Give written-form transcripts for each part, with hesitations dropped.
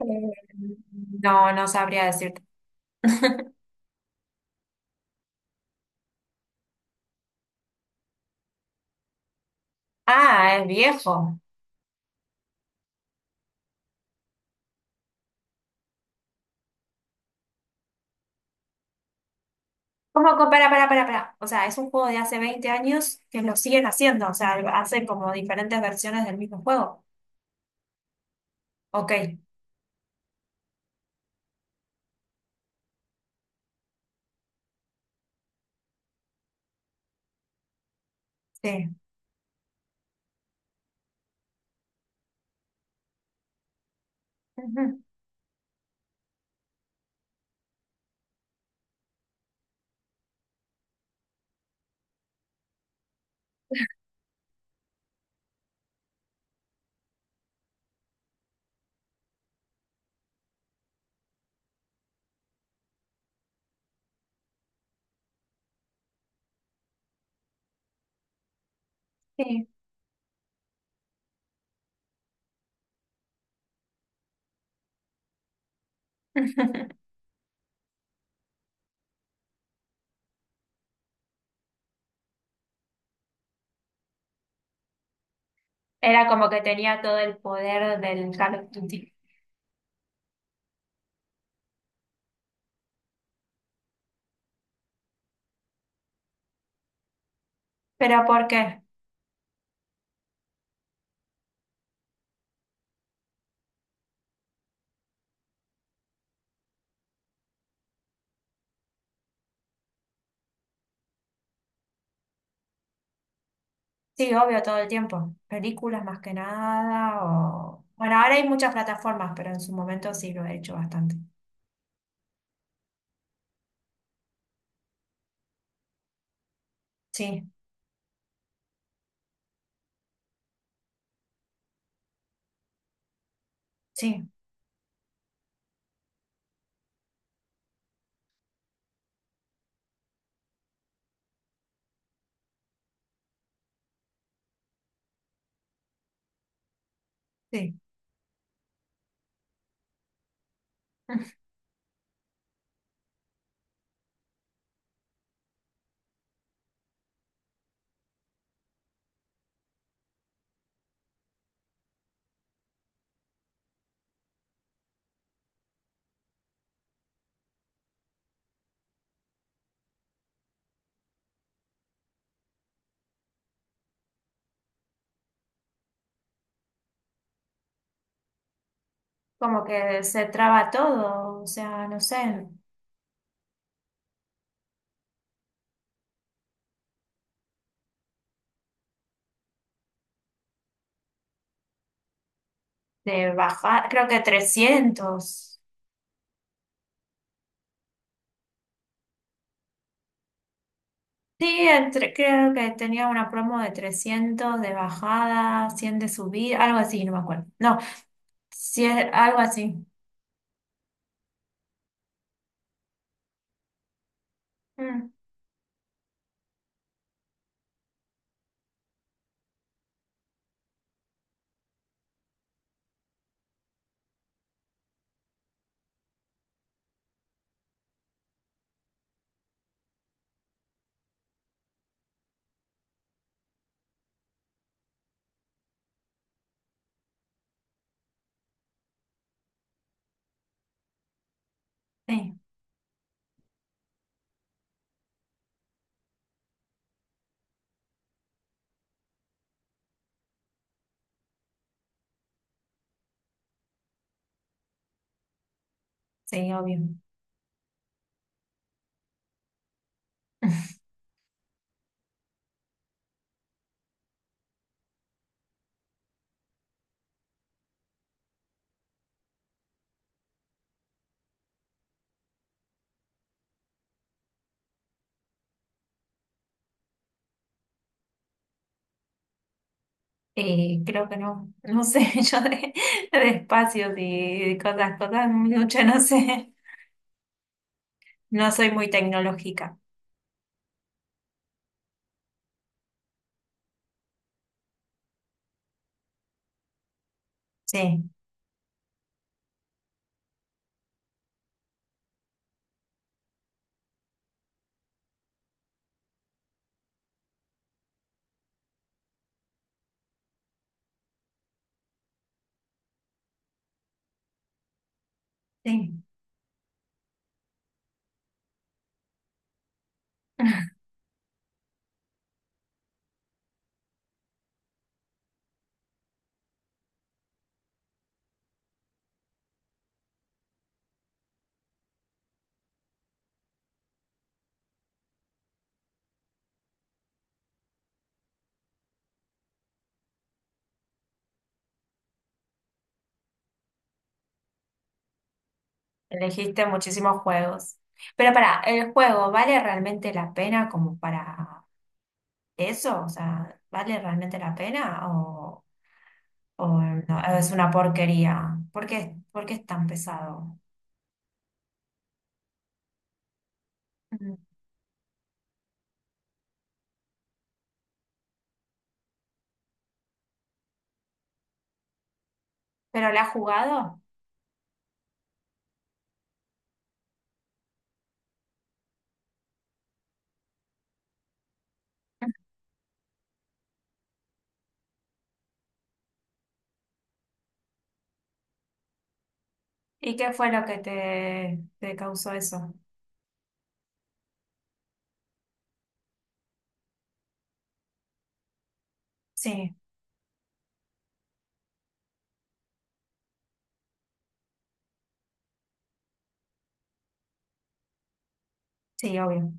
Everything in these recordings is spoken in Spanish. Eh, No, no sabría decirte. Ah, es viejo. ¿Cómo que para? O sea, es un juego de hace 20 años que lo siguen haciendo. O sea, hacen como diferentes versiones del mismo juego. Ok, sí. Ujú. Sí. Era como que tenía todo el poder del Call of Duty. ¿Pero por qué? Sí, obvio, todo el tiempo. Películas más que nada o bueno, ahora hay muchas plataformas, pero en su momento sí lo he hecho bastante. Sí, sí, sí. Como que se traba todo, o sea, no sé, de bajar, creo que 300. Sí, creo que tenía una promo de 300 de bajada, 100 de subida, algo así, no me acuerdo. No, sí, algo así. Mm, sí, sí, obvio. Y creo que no, no sé, yo de espacios y cosas, mucho no sé, no soy muy tecnológica. Sí, sí. Elegiste muchísimos juegos. Pero para, ¿el juego vale realmente la pena como para eso? O sea, ¿vale realmente la pena o no, es una porquería? Por qué es tan pesado? Ujú. ¿Pero lo has jugado? ¿Y qué fue lo que te causó eso? Sí, sí, obvio.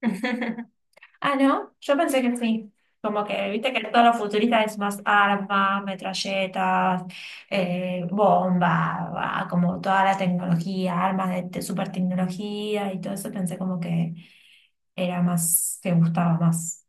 Ah, ¿no? Yo pensé que sí. Como que, viste que todo lo futurista es más armas, metralletas, bomba, va, como toda la tecnología, armas de super tecnología y todo eso. Pensé como que era más, que gustaba más.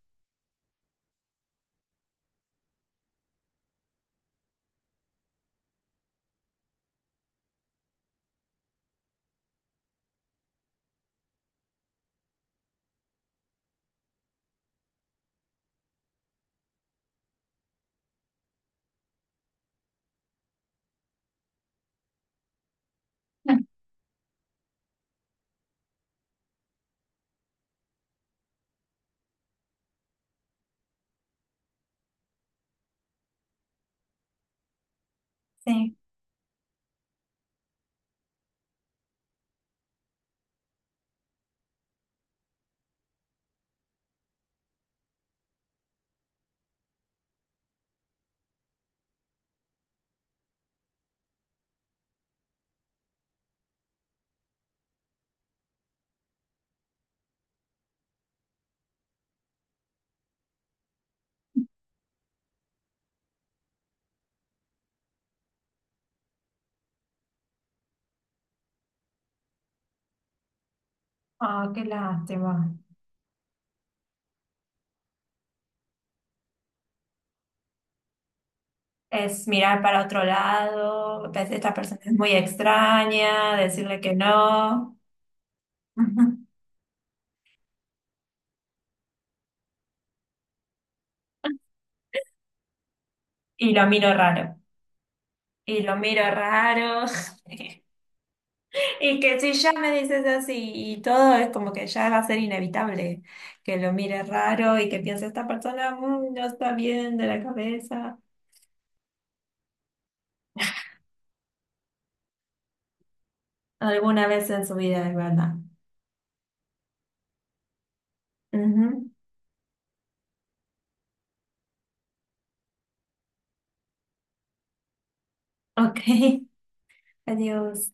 Sí. Ah, qué lástima. Es mirar para otro lado, ves, esta persona es muy extraña, decirle que no. Y lo miro raro. Y lo miro raro. Y que si ya me dices así y todo, es como que ya va a ser inevitable que lo mire raro y que piense, esta persona no está bien de la cabeza. Alguna vez en su vida, es verdad. Ujú. Ok, adiós.